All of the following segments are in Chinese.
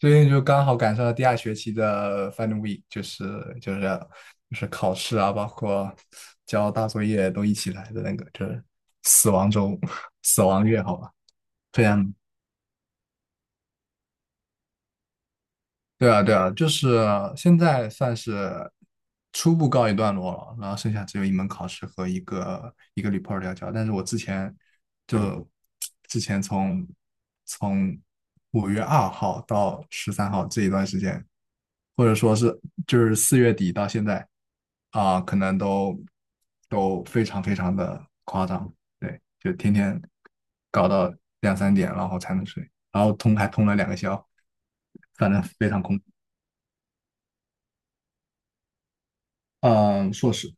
最近就刚好赶上了第二学期的 Final Week，就是就是考试啊，包括交大作业都一起来的那个，就是死亡周、死亡月，好吧，非常对啊，对啊，就是现在算是初步告一段落了，然后剩下只有一门考试和一个 report 要交。但是我之前就之前从从5月2号到13号这一段时间，或者说是就是四月底到现在啊，可能都非常非常的夸张，对，就天天搞到2、3点，然后才能睡。然后通还通了2个宵，反正非常空。嗯，硕士，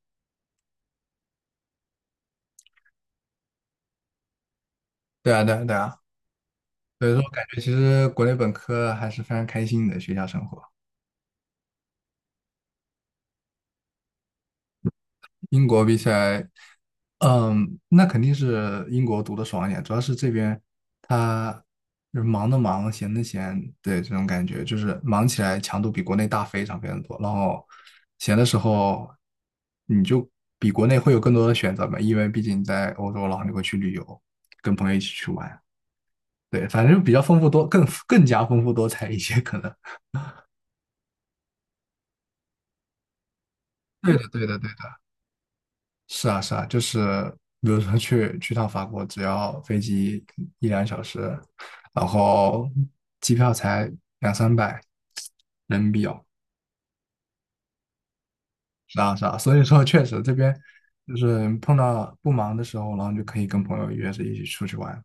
对啊,对啊,对啊，所以说我感觉其实国内本科还是非常开心的学校生活，英国比起来，嗯，那肯定是英国读的爽一点，主要是这边他就是忙的忙，闲的闲，对，这种感觉就是忙起来强度比国内大非常非常多，然后闲的时候你就比国内会有更多的选择嘛，因为毕竟你在欧洲，然后你会去旅游，跟朋友一起去玩。对，反正比较丰富多，更加丰富多彩一些，可能 对的,对的,对的。是啊，是啊，就是比如说去趟法国，只要飞机1、2小时，然后机票才2、300人民币哦，是啊，是啊。所以说，确实这边就是碰到不忙的时候，然后就可以跟朋友约着一起出去玩。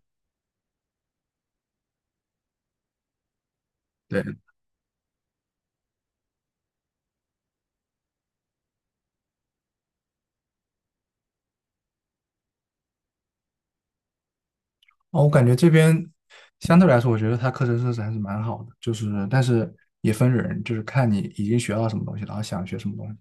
对，哦，我感觉这边相对来说，我觉得它课程设置还是蛮好的，就是但是也分人，就是看你已经学到什么东西，然后想学什么东西。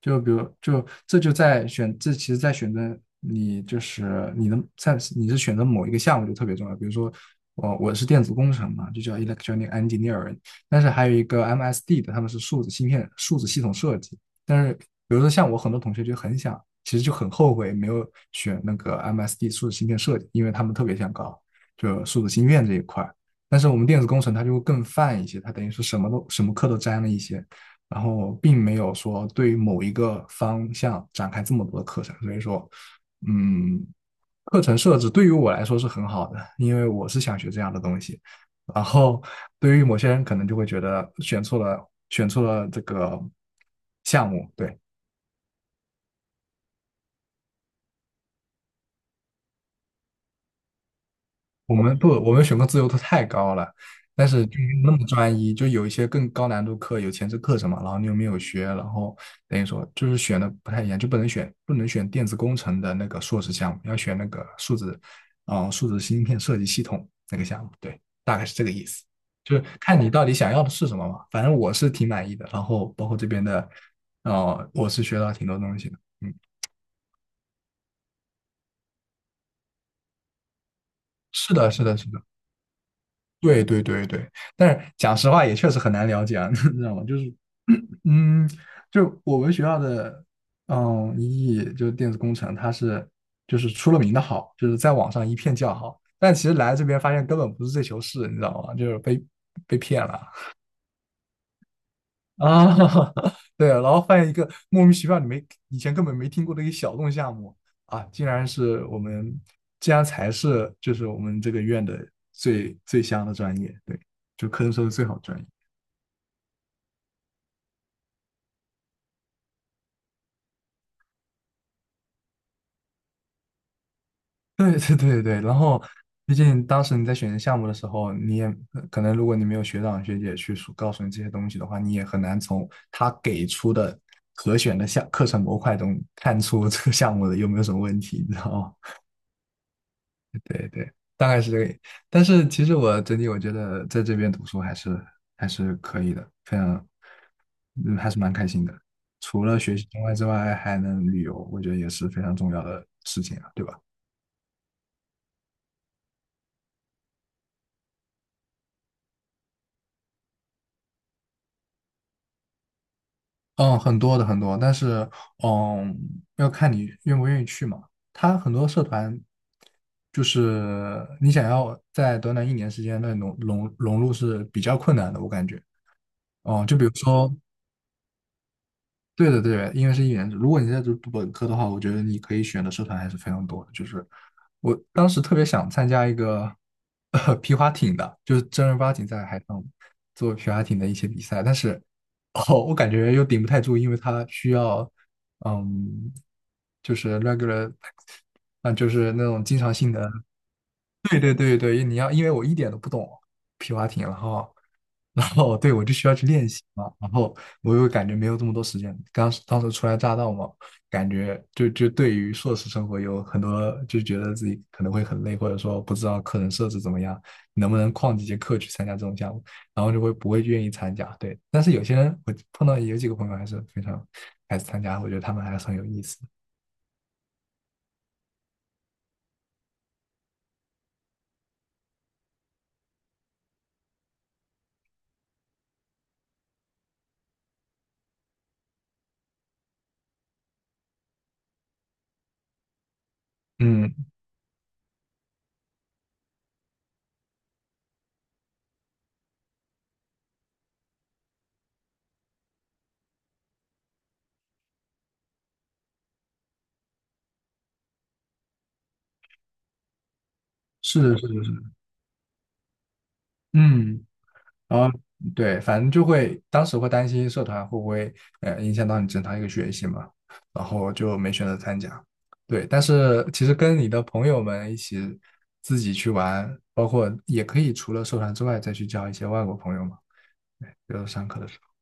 就比如，就这就在选，这其实在选择你就是你的在你是选择某一个项目就特别重要。比如说，我是电子工程嘛，就叫 electronic engineering，但是还有一个 MSD 的，他们是数字芯片、数字系统设计。但是比如说像我很多同学就很想，其实就很后悔没有选那个 MSD 数字芯片设计，因为他们特别想搞就数字芯片这一块但是我们电子工程它就会更泛一些，它等于说什么都什么课都沾了一些。然后并没有说对某一个方向展开这么多的课程，所以说，嗯，课程设置对于我来说是很好的，因为我是想学这样的东西。然后对于某些人可能就会觉得选错了，选错了这个项目，对，我们不，我们选课自由度太高了，但是就没有那么专一，就有一些更高难度课，有前置课程嘛，然后你又没有学，然后等于说就是选的不太一样，就不能选不能选电子工程的那个硕士项目，要选那个数字，啊、数字芯片设计系统那个项目，对，大概是这个意思，就是看你到底想要的是什么嘛，反正我是挺满意的，然后包括这边的，我是学到挺多东西的，嗯，是的,是的,是的。对对对对，但是讲实话也确实很难了解啊，你知道吗？就是，嗯，就我们学校的，嗯，一艺就是电子工程，它是就是出了名的好，就是在网上一片叫好，但其实来这边发现根本不是这球事，你知道吗？就是被被骗了啊，对啊，然后发现一个莫名其妙你没以前根本没听过的一个小众项目啊，竟然是我们，竟然才是就是我们这个院的最最香的专业，对，就科生说的最好的专业。对对对对，然后毕竟当时你在选择项目的时候，你也可能如果你没有学长学姐去说告诉你这些东西的话，你也很难从他给出的可选的项课程模块中看出 这个项目的有没有什么问题，你知道吗？对对，大概是这个。但是其实我整体我觉得在这边读书还是还是可以的，非常，嗯，还是蛮开心的。除了学习之外，还能旅游，我觉得也是非常重要的事情啊，对吧？嗯，很多的很多，但是嗯，要看你愿不愿意去嘛。他很多社团就是你想要在短短一年时间内融入是比较困难的，我感觉。哦、就比如说对的，对的，因为是1年制。如果你在读本科的话，我觉得你可以选的社团还是非常多的。就是我当时特别想参加一个皮划艇的，就是正儿八经在海上做皮划艇的一些比赛，但是哦，我感觉又顶不太住，因为它需要嗯，就是 regular，啊，就是那种经常性的。对对对对，你要，因为我一点都不懂皮划艇，然后，然后对我就需要去练习嘛，然后我又感觉没有这么多时间，刚当时初来乍到嘛，感觉就对于硕士生活有很多就觉得自己可能会很累，或者说不知道课程设置怎么样，能不能旷几节课去参加这种项目，然后就会不会愿意参加，对，但是有些人我碰到有几个朋友还是非常还是参加，我觉得他们还是很有意思，嗯，是的,是的,是的，嗯。然后对，反正就会当时会担心社团会不会影响到你正常一个学习嘛，然后就没选择参加。对，但是其实跟你的朋友们一起自己去玩，包括也可以除了社团之外再去交一些外国朋友嘛。对，就是上课的时候。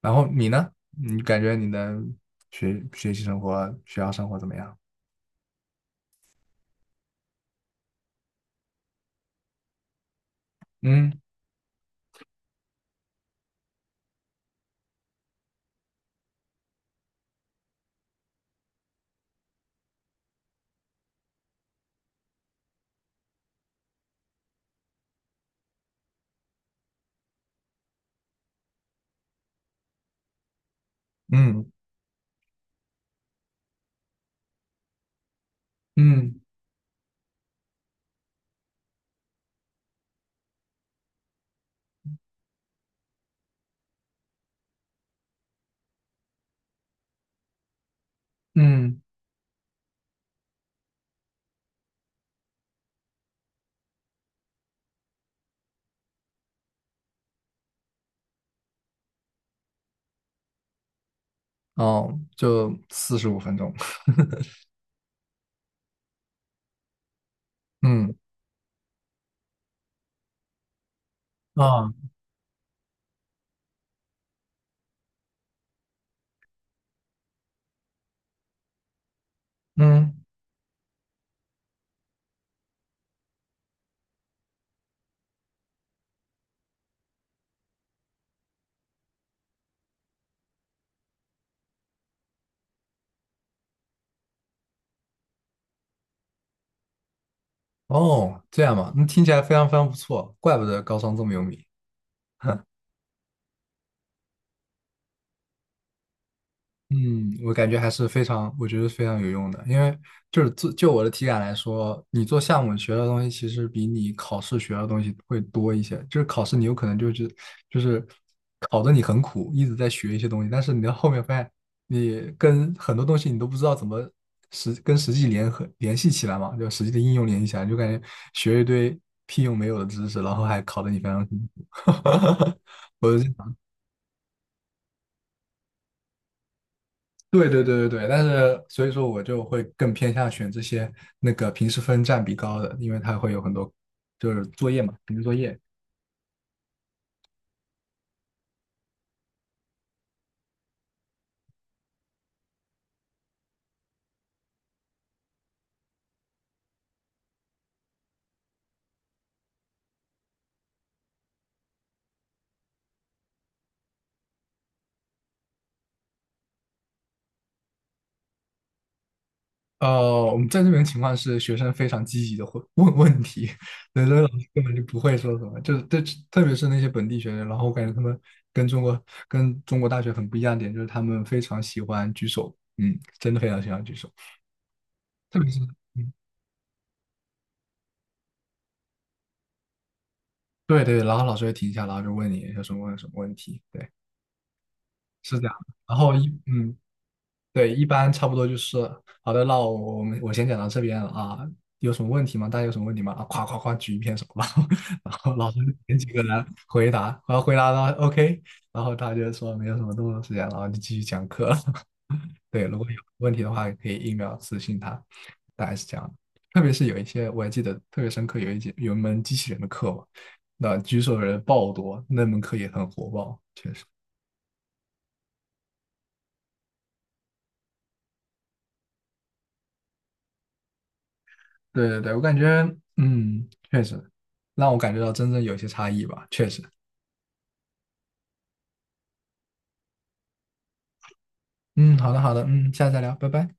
然后你呢？你感觉你的学习生活、学校生活怎么样？嗯嗯嗯嗯，哦，就45分钟。嗯啊嗯。哦，这样嘛，那听起来非常非常不错，怪不得高商这么有名。嗯，我感觉还是非常，我觉得非常有用的，因为就是自就我的体感来说，你做项目学到的东西其实比你考试学到的东西会多一些。就是考试你有可能就是就是考的你很苦，一直在学一些东西，但是你到后面发现你跟很多东西你都不知道怎么实跟实际联系起来嘛，就实际的应用联系起来，就感觉学一堆屁用没有的知识，然后还考的你非常辛苦。对对对对对，但是所以说我就会更偏向选这些那个平时分占比高的，因为它会有很多就是作业嘛，平时作业。我们在这边情况是学生非常积极的会问 问题，有的老师根本就不会说什么，就是对，特别是那些本地学生，然后我感觉他们跟中国跟中国大学很不一样的点，就是他们非常喜欢举手，嗯，真的非常喜欢举手，特别是嗯，对对，然后老师会停下，然后就问你有什么什么问题，对，是这样。的，然后一嗯，对，一般差不多就是好的，那我们先讲到这边了啊，有什么问题吗？大家有什么问题吗？啊，夸夸夸举一片手，然后 然后老师点几个人回答，然后回答到 OK，然后他就说没有什么动作时间，然后就继续讲课了 对，如果有问题的话，可以一秒私信他，大概是这样的。特别是有一些我还记得特别深刻，有一门机器人的课嘛，那举手的人爆多，那门课也很火爆，确实。对对对，我感觉，嗯，确实让我感觉到真正有一些差异吧，确实。嗯，好的好的，嗯，下次再聊，拜拜。